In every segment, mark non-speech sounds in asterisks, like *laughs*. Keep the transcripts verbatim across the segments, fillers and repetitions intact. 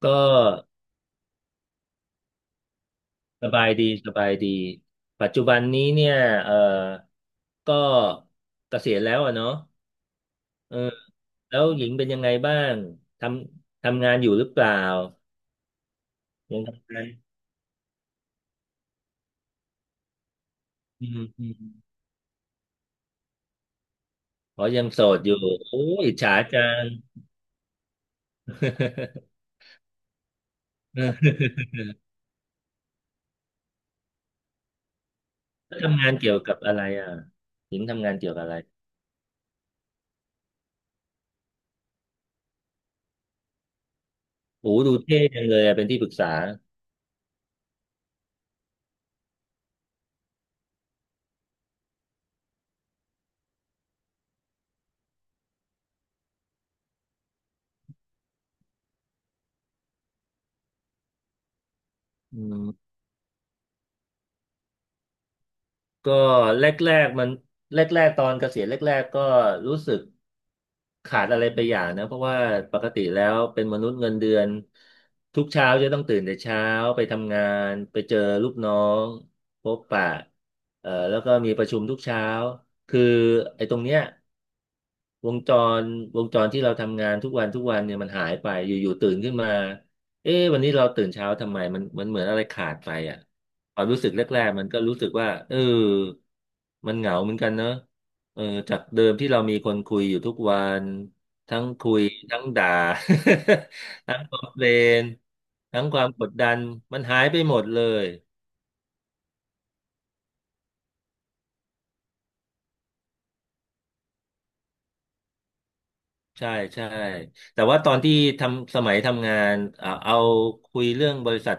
ก็สบายดีสบายดีปัจจุบันนี้เนี่ยเออก็เกษียณแล้วอะเนาะเออแล้วหญิงเป็นยังไงบ้างทำทำงานอยู่หรือเปล่ายังทำงานอืมอืมอ๋อยังโสดอยู่โอ้ยอิจฉาจัง *laughs* เออแล้วทำงานเกี่ยวกับอะไรอ่ะหญิงทำงานเกี่ยวกับอะไรโอ้ดูเท่จังเลยอะเป็นที่ปรึกษาอืมก็แรกๆมันแรกๆตอนเกษียณแรกๆก็รู้สึก ขาดอะไรไปอย่างนะเพราะว่าปกติแล้วเป็นมนุษย์เงินเดือนทุกเช้าจะต้องตื่นแต่เช้าไปทำงานไปเจอลูกน้องพบปะเอ่อแล้วก็มีประชุมทุกเช้าคือไอ้ตรงเนี้ย วงจรวงจรที่เราทำงานทุกวันทุกวันเนี่ยมันหายไปอยู่ๆตื่นขึ้นมาเอ๊ะวันนี้เราตื่นเช้าทำไมมันมันเหมือนอะไรขาดไปอ่ะความรู้สึกแรกๆมันก็รู้สึกว่าเออมันเหงาเหมือนกันเนอะเออจากเดิมที่เรามีคนคุยอยู่ทุกวันทั้งคุยทั้งด่า *laughs* ทั้งคอมเพลนทั้งความกดดันมันหายไปหมดเลย ใช่ใช่แต่ว่าตอนที่ทำสมัยทำงานอ่าเอาคุยเรื่องบริษัท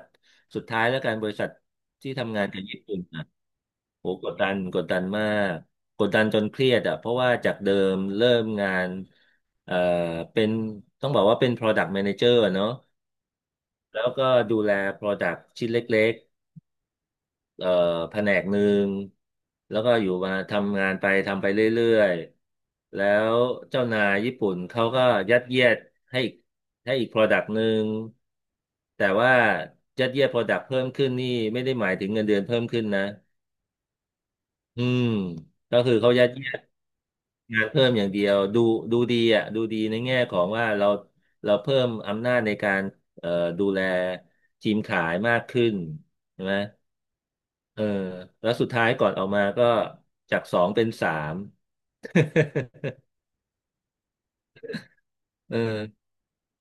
สุดท้ายแล้วกันบริษัทที่ทำงานกับญี่ปุ่นนะโหกดดันกดดันมากกดดันจนเครียดอ่ะเพราะว่าจากเดิมเริ่มงานเอ่อเป็นต้องบอกว่าเป็น Product Manager อะเนาะแล้วก็ดูแล Product ชิ้นเล็ก เอ่อแผนกหนึ่งแล้วก็อยู่มาทำงานไปทำไปเรื่อยๆแล้วเจ้านายญี่ปุ่นเขาก็ยัดเยียดให้อีกให้อีก product หนึ่งแต่ว่ายัดเยียด product เพิ่มขึ้นนี่ไม่ได้หมายถึงเงินเดือนเพิ่มขึ้นนะอืมก็คือเขายัด งานเพิ่มอย่างเดียวดูดูดีอ่ะดูดีในแง่ของว่าเราเราเพิ่มอำนาจในการเอ่อดูแลทีมขายมากขึ้นใช่ไหมเออแล้วสุดท้ายก่อนออกมาก็จากสองเป็นสาม *laughs* เออ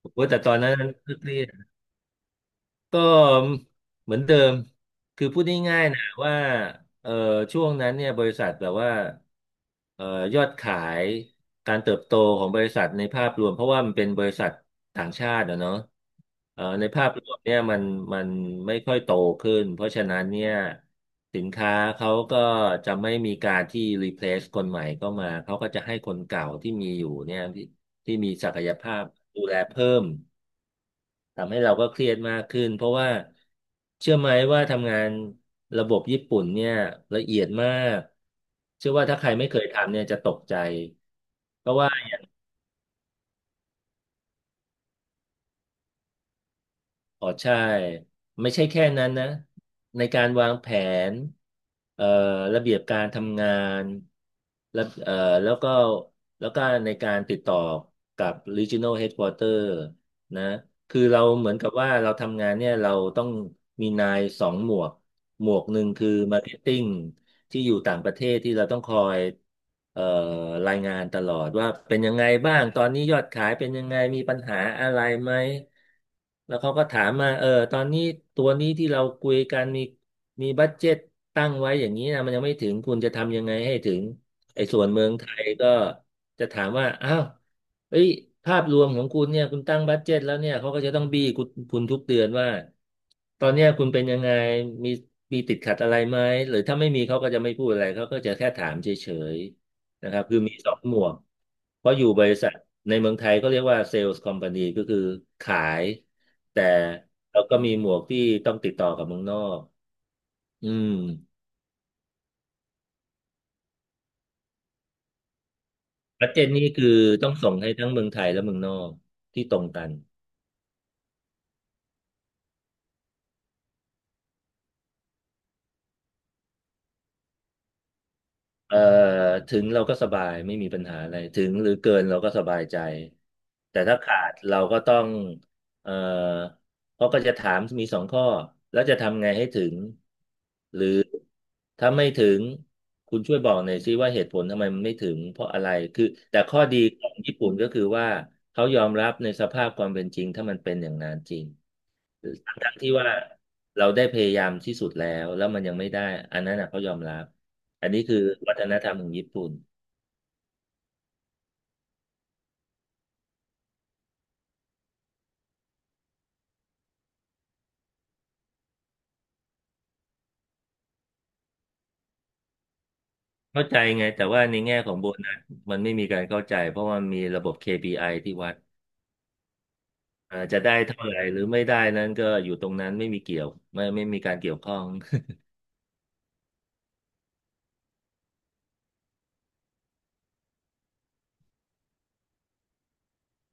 ผมวแต่ตอนนั้นก็เครียด ก็เหมือนเดิมคือพูดง่ายๆนะว่าเอ่อช่วงนั้นเนี่ยบริษัทแบบว่าเอ่อยอดขายการเติบโตของบริษัทในภาพรวมเพราะว่ามันเป็นบริษัทต่างชาติอะเนาะเอ่อในภาพรวมเนี่ยมันมันไม่ค่อยโตขึ้นเพราะฉะนั้นเนี่ยสินค้าเขาก็จะไม่มีการที่ replace คนใหม่เข้ามาเขาก็จะให้คนเก่าที่มีอยู่เนี่ยที่ที่มีศักยภาพดูแลเพิ่ม ทำให้เราก็เครียดมากขึ้นเพราะว่าเชื่อไหมว่าทำงานระบบญี่ปุ่นเนี่ยละเอียดมากเชื่อว่าถ้าใครไม่เคยทำเนี่ยจะตกใจเพราะว่าอ๋อใช่ไม่ใช่แค่นั้นนะในการวางแผนเอ่อระเบียบการทำงานแล้วเอ่อแล้วก็แล้วก็ในการติดต่อกับ Regional Headquarter นะคือเราเหมือนกับว่าเราทำงานเนี่ยเราต้องมีนายสองหมวกหมวกหนึ่งคือมาร์เก็ตติ้งที่อยู่ต่างประเทศที่เราต้องคอยเอ่อรายงานตลอดว่าเป็นยังไงบ้างตอนนี้ยอดขายเป็นยังไงมีปัญหาอะไรไหมแล้วเขาก็ถามมาเออตอนนี้ตัวนี้ที่เราคุยกันมีมีบัดเจ็ตตั้งไว้อย่างนี้นะมันยังไม่ถึงคุณจะทำยังไงให้ถึงไอ้ส่วนเมืองไทยก็จะถามว่าอ้าว เอ้ยภาพรวมของคุณเนี่ยคุณตั้งบัดเจ็ตแล้วเนี่ยเขาก็จะต้องบี้คุณคุณทุกเดือนว่าตอนเนี้ยคุณเป็นยังไงมีมีติดขัดอะไรไหมหรือถ้าไม่มีเขาก็จะไม่พูดอะไรเขาก็จะแค่ถามเฉยๆนะครับคือมีสองหมวกเพราะอยู่บริษัทในเมืองไทยก็เรียกว่าเซลส์คอมพานีก็คือขายแต่เราก็มีหมวกที่ต้องติดต่อกับเมืองนอกอืมบัดเจ็ตนี่คือต้องส่งให้ทั้งเมืองไทยและเมืองนอกที่ตรงกัน เอ่อถึงเราก็สบายไม่มีปัญหาอะไรถึงหรือเกินเราก็สบายใจแต่ถ้าขาดเราก็ต้องเอ่อเขาก็จะถามมีสองข้อแล้วจะทำไงให้ถึงหรือถ้าไม่ถึงคุณช่วยบอกหน่อยซิว่าเหตุผลทำไมมันไม่ถึงเพราะอะไรคือแต่ข้อดีของญี่ปุ่นก็คือว่าเขายอมรับในสภาพความเป็นจริงถ้ามันเป็นอย่างนั้นจริงทั้งๆที่ว่าเราได้พยายามที่สุดแล้วแล้วมันยังไม่ได้อันนั้นนะเขายอมรับ อันนี้คือวัฒนธรรมของญี่ปุ่นเข้าใจไงแต่ว่าในแง่ของโบนัสมันไม่มีการเข้าใจเพราะว่ามีระบบ เค พี ไอ ที่วัดอ่าจะได้เท่าไหร่หรือไม่ได้นั้นก็อยู่ตรงนั้นไม่มีเกี่ยวไม่ไม่มีการเกี่ยวข้อง *laughs*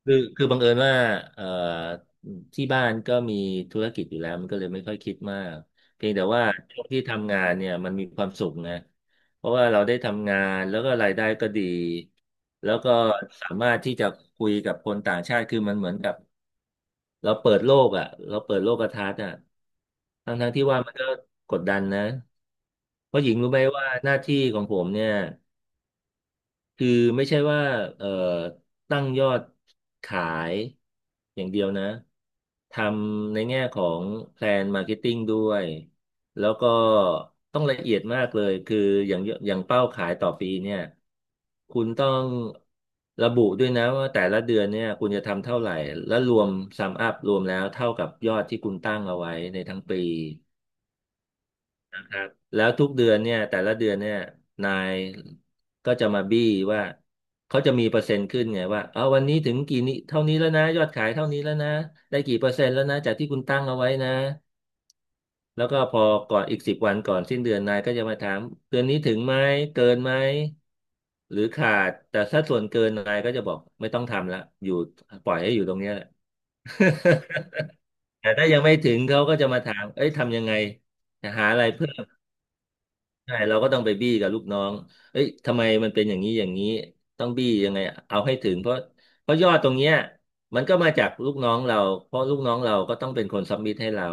คือคือบังเอิญว่าเอ่อที่บ้านก็มีธุรกิจอยู่แล้วมันก็เลยไม่ค่อยคิดมากเพียงแต่ว่าช่วงที่ทำงานเนี่ยมันมีความสุขนะเพราะว่าเราได้ทำงานแล้วก็รายได้ก็ดีแล้วก็สามารถที่จะคุยกับคนต่างชาติคือมันเหมือนกับ เราเปิดโลกอ่ะเราเปิดโลกทัศน์อ่ะทั้งทั้งที่ว่ามันก็กดดันนะเพราะหญิงรู้ไหมว่าหน้าที่ของผมเนี่ย คือไม่ใช่ว่าเอ่อตั้งยอดขายอย่างเดียวนะทำในแง่ของแพลนมาร์เก็ตติ้งด้วยแล้วก็ต้องละเอียดมากเลยคืออย่างอย่างเป้าขายต่อปีเนี่ยคุณต้องระบุด้วยนะว่าแต่ละเดือนเนี่ยคุณจะทำเท่าไหร่และรวมซัมอัพรวมแล้วเท่ากับยอดที่คุณตั้งเอาไว้ในทั้งปี ครับแล้วทุกเดือนเนี่ยแต่ละเดือนเนี่ยนายก็จะมาบี้ว่าเขาจะมีเปอร์เซ็นต์ขึ้นไงว่าเอาวันนี้ถึงกี่นี้เท่านี้แล้วนะยอดขายเท่านี้แล้วนะได้กี่เปอร์เซ็นต์แล้วนะจากที่คุณตั้งเอาไว้นะแล้วก็พอก่อนอีกสิบวันก่อนสิ้นเดือนนายก็จะมาถามเดือนนี้ถึงไหมเกินไหมหรือขาดแต่ถ้าส่วนเกินนายก็จะบอกไม่ต้องทำละอยู่ปล่อยให้อยู่ตรงเนี้ยแหละ *laughs* แต่ถ้ายังไม่ถึงเขาก็จะมาถามเอ้ยทำยังไงจะหาอะไรเพิ่ม ใช่เราก็ต้องไปบี้กับลูกน้องเอ้ยทำไมมันเป็นอย่างนี้อย่างนี้ต้องบี้ยังไงเอาให้ถึงเพราะเพราะยอดตรงเนี้ยมันก็มาจากลูกน้องเราเพราะลูกน้องเราก็ต้องเป็นคนซับมิทให้เรา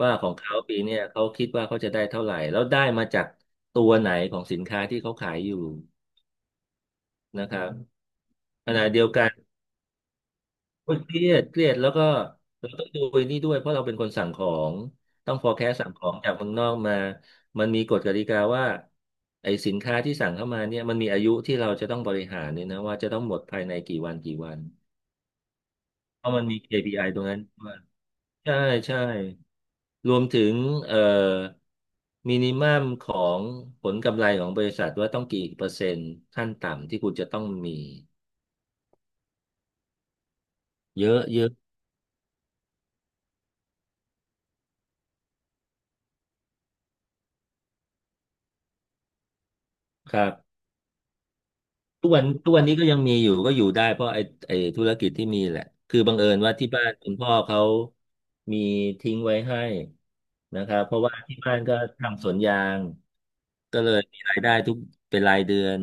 ว่าของเขาปีเนี้ยเขาคิดว่าเขาจะได้เท่าไหร่แล้วได้มาจากตัวไหนของสินค้าที่เขาขายอยู่นะครับขณะเดียวกัน โอ้ยเครียดเครียดแล้วก็เราต้องดูไอ้นี่ด้วยเพราะเราเป็นคนสั่งของต้อง forecast สั่งของจากเมืองนอกมามันมีกฎกติกาว่าไอ้สินค้าที่สั่งเข้ามาเนี่ยมันมีอายุที่เราจะต้องบริหารเนี่ยนะว่าจะต้องหมดภายในกี่วันกี่วันเพราะมันมี เค พี ไอ ตรงนั้นด้วยใช่ใช่รวมถึงเอ่อมินิมัมของผลกำไรของบริษัทว่าต้องกี่เปอร์เซ็นต์ขั้นต่ำที่คุณจะต้องมีเยอะเยอะครับ ทุกวันทุกวันนี้ก็ยังมีอยู่ก็อยู่ได้เพราะไอ้ไอ้ธุรกิจที่มีแหละคือบังเอิญว่าที่บ้านคุณพ่อเขามีทิ้งไว้ให้นะครับเพราะว่าที่บ้านก็ทำสวนยางก็เลยมีรายได้ทุกเป็นรายเดือน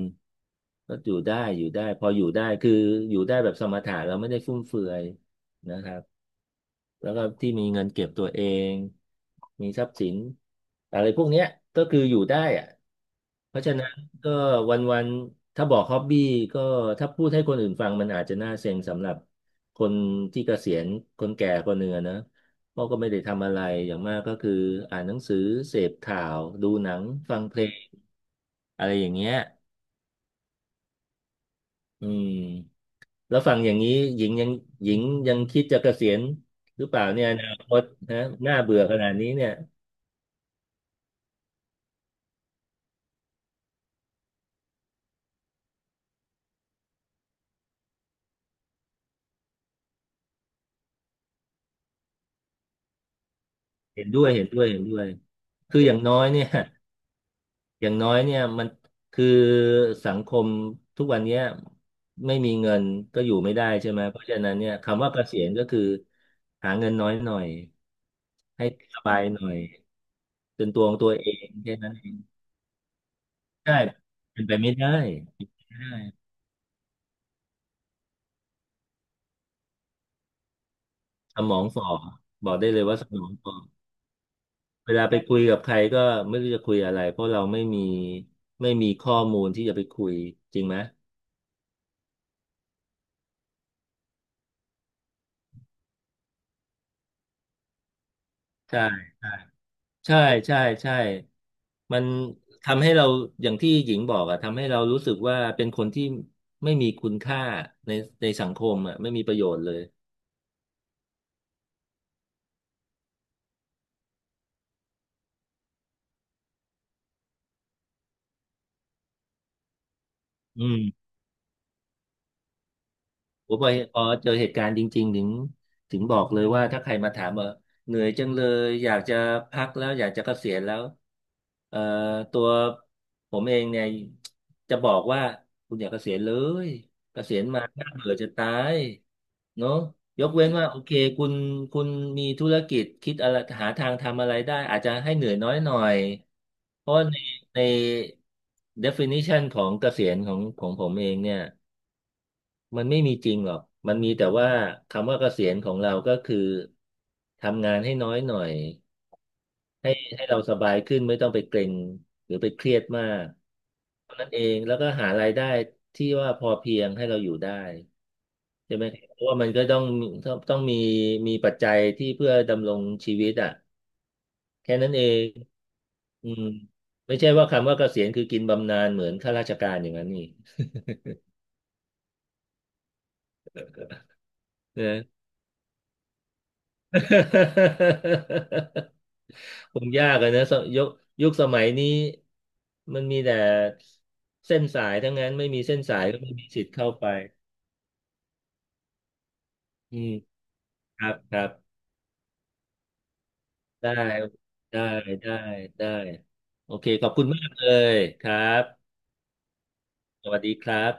ก็อยู่ได้อยู่ได้พออยู่ได้คืออยู่ได้แบบสมถะเราไม่ได้ฟุ่มเฟือยนะครับ แล้วก็ที่มีเงินเก็บตัวเอง มีทรัพย์สินอะไรพวกเนี้ยก็คืออยู่ได้อะเพราะฉะนั้นก็วันๆ ถ้าบอกฮ็อบบี้ก็ถ้าพูดให้คนอื่นฟังมันอาจจะน่าเซ็งสำหรับคนที่เกษียณคนแก่คนหนึ่งอะนะเพราะก็ไม่ได้ทำอะไรอย่างมากก็คืออ่านหนังสือเสพข่าวดูหนังฟังเพลงอะไรอย่างเงี้ยอืม แล้วฟังอย่างนี้หญิงยังหญิงยังคิดจะเกษียณหรือเปล่าเนี่ยอนาคตนะน่าเบื่อขนาดนี้เนี่ยเห็นด้วยเห็นด้วยเห็นด้วยคืออย่างน้อยเนี่ย *laughs* อย่างน้อยเนี่ยมันคือสังคมทุกวันเนี้ยไม่มีเงินก็อยู่ไม่ได้ใช่ไหมเพราะฉะนั้นเนี่ยคำว่าเกษียณก็คือหาเงินน้อยหน่อยให้สบายหน่อยเป็นตัวของตัวเองแค่นั้นเองใช่เป็นไปไม่ได้เป็นไปไม่ได้สมองฝ่อบอกได้เลยว่าสมองฝ่อ เวลาไปคุยกับใครก็ไม่รู้จะคุยอะไรเพราะเราไม่มีไม่มีข้อมูลที่จะไปคุยจริงไหมใช่ใช่ใช่ใช่มันทำให้เราอย่างที่หญิงบอกอะทำให้เรารู้สึกว่าเป็นคนที่ไม่มีคุณค่าในในสังคมอะไม่มีประโยชน์เลยอืม ผมพอพอเจอเหตุการณ์จริงๆถึงถึงบอกเลยว่าถ้าใครมาถามว่าเหนื่อยจังเลยอยากจะพักแล้วอยากจะเกษียณแล้วเอ่อตัวผมเองเนี่ยจะบอกว่าคุณอย่าเกษียณเลยเกษียณมาน่าเบื่อจะตายเนอะยกเว้นว่าโอเคคุณคุณมีธุรกิจคิดอะไรหาทางทำอะไรได้อาจจะให้เหนื่อยน้อยหน่อยเพราะว่าในใน definition ของเกษียณของของผมเองเนี่ย มันไม่มีจริงหรอกมันมีแต่ว่าคำว่าเกษียณของเราก็คือทำงานให้น้อยหน่อยให้ให้เราสบายขึ้นไม่ต้องไปเกร็งหรือไปเครียดมากเท่านั้นเองแล้วก็หารายได้ที่ว่าพอเพียงให้เราอยู่ได้ใช่ไหมเพราะว่ามันก็ต้องต้องต้องมีมีปัจจัยที่เพื่อดำรงชีวิตอ่ะแค่นั้นเองอืมไม่ใช่ว่าคำว่าเกษียณคือกินบำนาญเหมือนข้าราชการอย่างนั้นนี่นะ *laughs* คงยากอะนะสยุคยุคสมัยนี้มันมีแต่เส้นสายทั้งนั้นไม่มีเส้นสายก็ไม่มีสิทธิ์เข้าไปอืมครับครับได้ได้ได้ได้โอเคขอบคุณมากเลยครับสวัสดีครับ